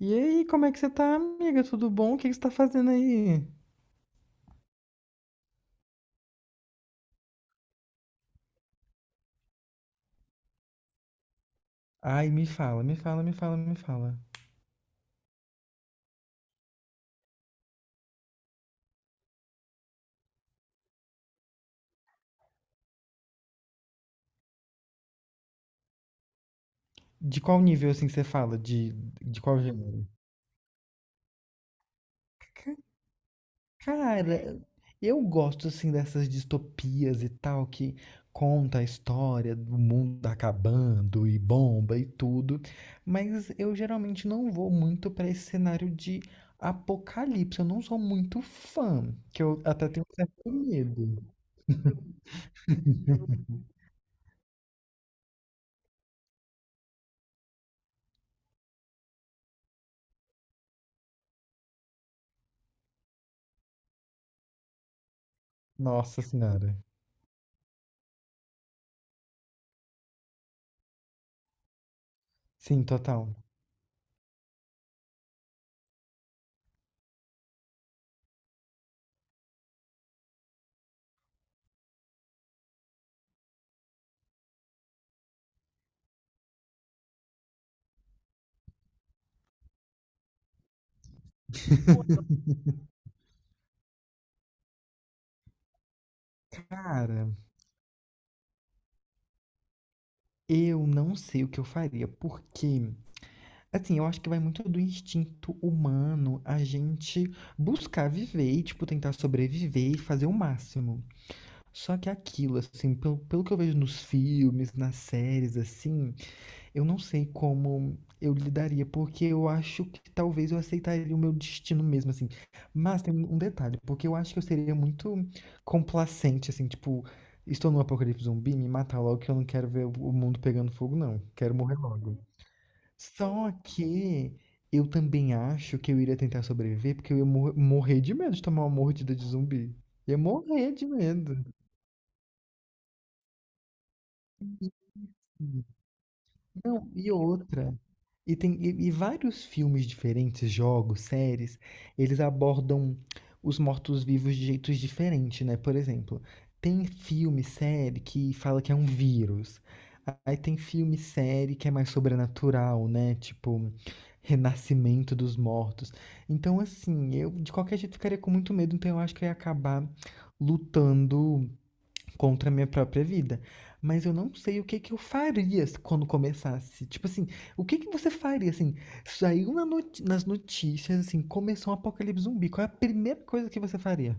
E aí, como é que você tá, amiga? Tudo bom? O que que você tá fazendo aí? Ai, me fala, me fala, me fala, me fala. De qual nível, assim, você fala? De qual gênero? Cara, eu gosto, assim, dessas distopias e tal, que conta a história do mundo acabando e bomba e tudo, mas eu geralmente não vou muito pra esse cenário de apocalipse. Eu não sou muito fã, que eu até tenho um certo medo. Nossa Senhora. Sim, total. Cara. Eu não sei o que eu faria, porque, assim, eu acho que vai muito do instinto humano a gente buscar viver e, tipo, tentar sobreviver e fazer o máximo. Só que aquilo, assim, pelo, pelo que eu vejo nos filmes, nas séries, assim, eu não sei como eu lidaria, porque eu acho que talvez eu aceitaria o meu destino mesmo, assim. Mas tem um detalhe, porque eu acho que eu seria muito complacente, assim, tipo, estou no apocalipse zumbi, me matar logo que eu não quero ver o mundo pegando fogo, não. Quero morrer logo. Só que eu também acho que eu iria tentar sobreviver, porque eu ia morrer de medo de tomar uma mordida de zumbi. Ia morrer de medo. Não, e outra. E tem e vários filmes diferentes, jogos, séries, eles abordam os mortos-vivos de jeitos diferentes, né? Por exemplo, tem filme, série que fala que é um vírus. Aí tem filme, série que é mais sobrenatural, né? Tipo, Renascimento dos Mortos. Então, assim, eu de qualquer jeito ficaria com muito medo, então eu acho que eu ia acabar lutando contra a minha própria vida. Mas eu não sei o que que eu faria quando começasse. Tipo assim, o que que você faria, assim? Saiu na nas notícias, assim, começou um apocalipse zumbi. Qual é a primeira coisa que você faria?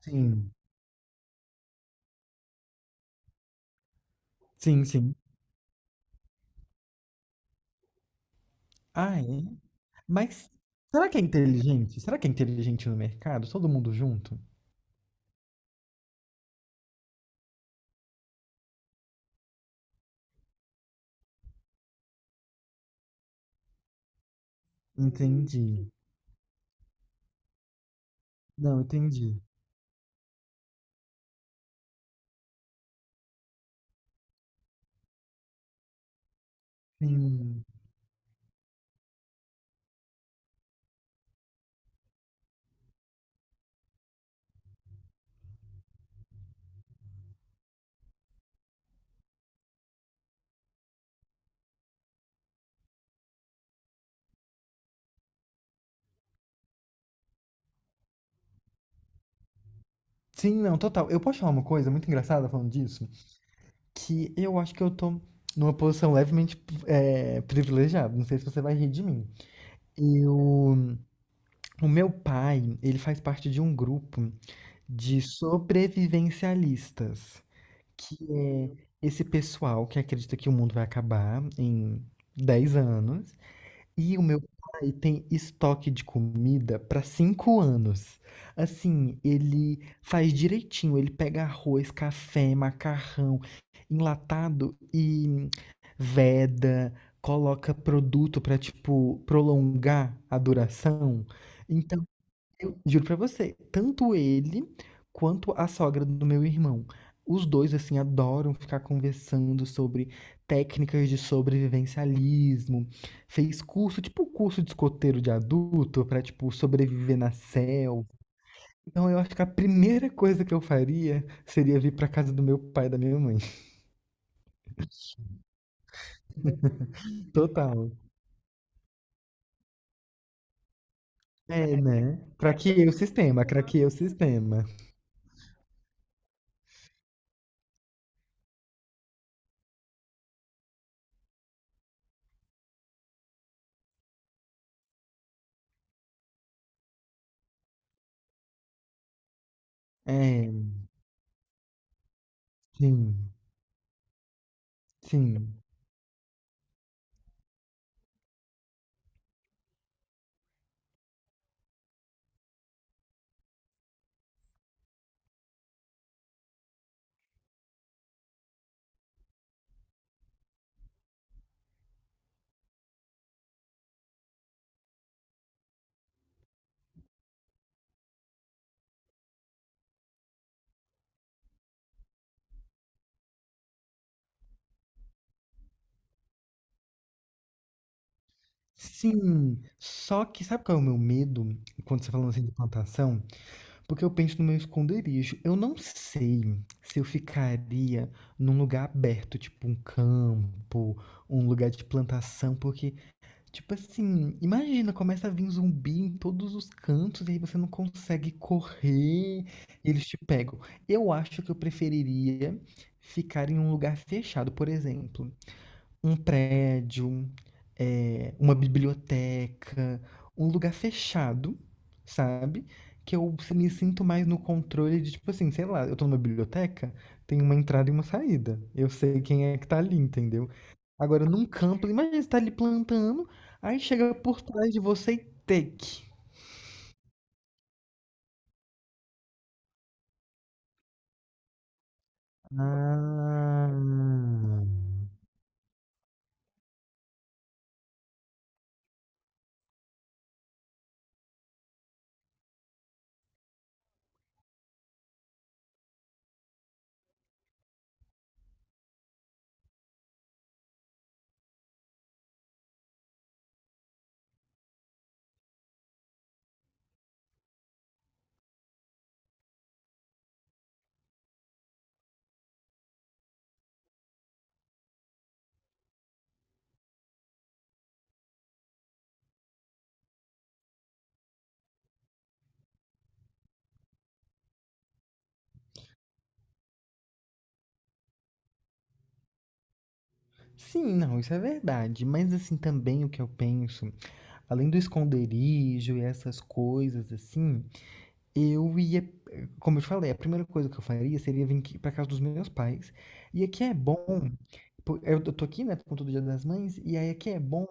Sim, sim, sim. Ah, é? Mas será que é inteligente? Será que é inteligente no mercado? Todo mundo junto? Entendi. Não, entendi. Sim. Sim, não, total. Eu posso falar uma coisa muito engraçada falando disso? Que eu acho que eu tô numa posição levemente privilegiada. Não sei se você vai rir de mim. Eu, o meu pai, ele faz parte de um grupo de sobrevivencialistas, que é esse pessoal que acredita que o mundo vai acabar em 10 anos e o meu pai tem estoque de comida para 5 anos. Assim, ele faz direitinho, ele pega arroz, café, macarrão, enlatado e veda, coloca produto para tipo prolongar a duração. Então, eu juro pra você, tanto ele quanto a sogra do meu irmão. Os dois, assim, adoram ficar conversando sobre técnicas de sobrevivencialismo. Fez curso, tipo curso de escoteiro de adulto, pra, tipo, sobreviver na selva. Então, eu acho que a primeira coisa que eu faria seria vir pra casa do meu pai e da minha mãe. Total. É, né? Craqueei o sistema, craqueei o sistema. É, sim, sim. Sim, só que sabe qual é o meu medo quando você tá falando assim de plantação? Porque eu penso no meu esconderijo. Eu não sei se eu ficaria num lugar aberto, tipo um campo, um lugar de plantação, porque, tipo assim, imagina, começa a vir zumbi em todos os cantos e aí você não consegue correr e eles te pegam. Eu acho que eu preferiria ficar em um lugar fechado, por exemplo. Um prédio, uma biblioteca, um lugar fechado, sabe? Que eu me sinto mais no controle de, tipo assim, sei lá, eu tô numa biblioteca, tem uma entrada e uma saída. Eu sei quem é que tá ali, entendeu? Agora, num campo, imagina você tá ali plantando, aí chega por trás de você e take. Ah. Sim, não, isso é verdade. Mas assim, também o que eu penso, além do esconderijo e essas coisas assim, eu ia, como eu te falei, a primeira coisa que eu faria seria vir aqui para casa dos meus pais. E aqui é bom, eu tô aqui, né, com todo Dia das Mães, e aí aqui é bom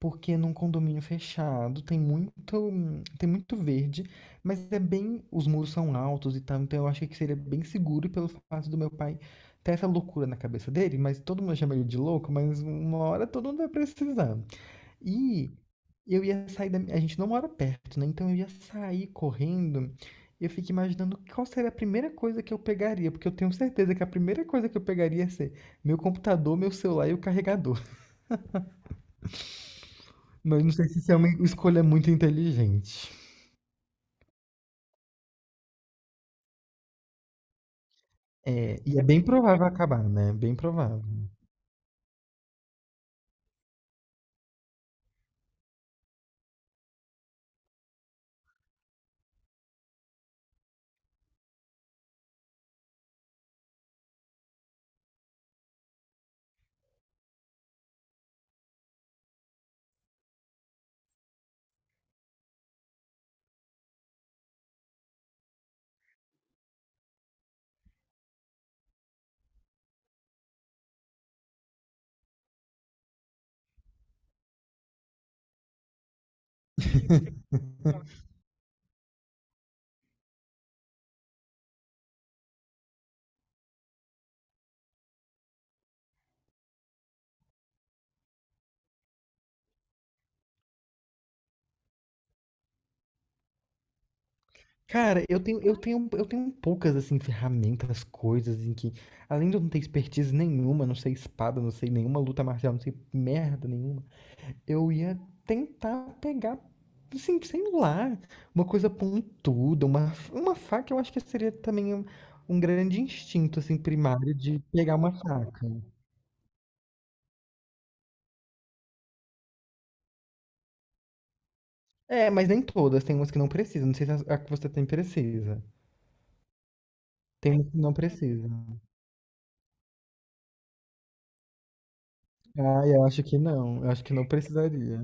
porque num condomínio fechado tem muito verde, mas é bem, os muros são altos e tal, então eu achei que seria bem seguro e pelo fato do meu pai ter essa loucura na cabeça dele, mas todo mundo chama ele de louco, mas uma hora todo mundo vai precisar. E eu ia sair da. A gente não mora perto, né? Então eu ia sair correndo. Eu fico imaginando qual seria a primeira coisa que eu pegaria, porque eu tenho certeza que a primeira coisa que eu pegaria ia ser meu computador, meu celular e o carregador. Mas não sei se isso é uma escolha muito inteligente. É, e é bem provável acabar, né? Bem provável. Cara, eu tenho poucas assim ferramentas, coisas em que, além de eu não ter expertise nenhuma, não sei espada, não sei nenhuma luta marcial, não sei merda nenhuma. Eu ia tentar pegar, assim, sei lá, uma coisa pontuda, uma faca, eu acho que seria também um grande instinto, assim, primário de pegar uma faca. É, mas nem todas, tem umas que não precisam, não sei se a que você tem precisa. Tem umas que não precisa. Ah, eu acho que não, eu acho que não precisaria.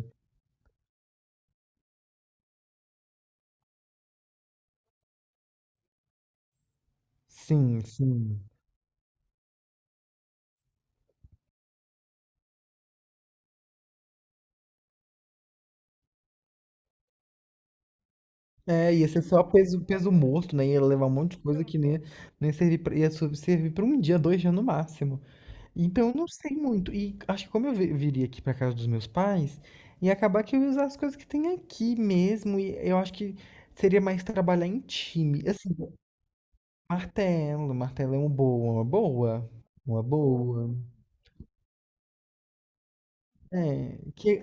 Sim, sim. É, ia ser só peso, peso morto, né? Ia levar um monte de coisa que nem, nem servir pra, ia servir pra um dia, 2 dias no máximo. Então, eu não sei muito. E acho que como eu viria aqui pra casa dos meus pais, ia acabar que eu ia usar as coisas que tem aqui mesmo. E eu acho que seria mais trabalhar em time. Assim, martelo, martelo é uma boa, uma boa. Uma boa. É, que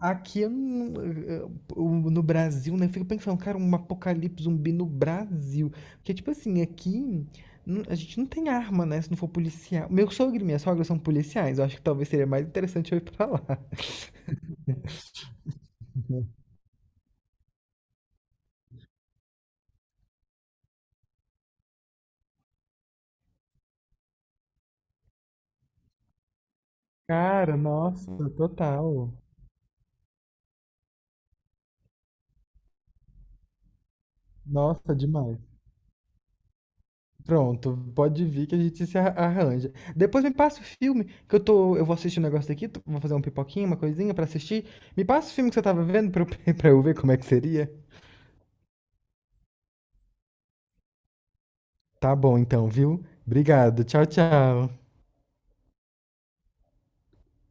aqui eu não- eu- no Brasil, né? Eu fico pensando, cara, um apocalipse zumbi no Brasil. Porque, tipo assim, aqui não- a gente não tem arma, né? Se não for policial. Meu sogro e minha sogra são policiais. Eu acho que talvez seria mais interessante eu ir pra lá. Cara, nossa, total. Nossa, demais. Pronto, pode vir que a gente se arranja. Depois me passa o filme, que eu tô, eu vou assistir um negócio aqui, vou fazer um pipoquinho, uma coisinha pra assistir. Me passa o filme que você tava vendo pra eu, pra eu ver como é que seria. Tá bom então, viu? Obrigado. Tchau, tchau.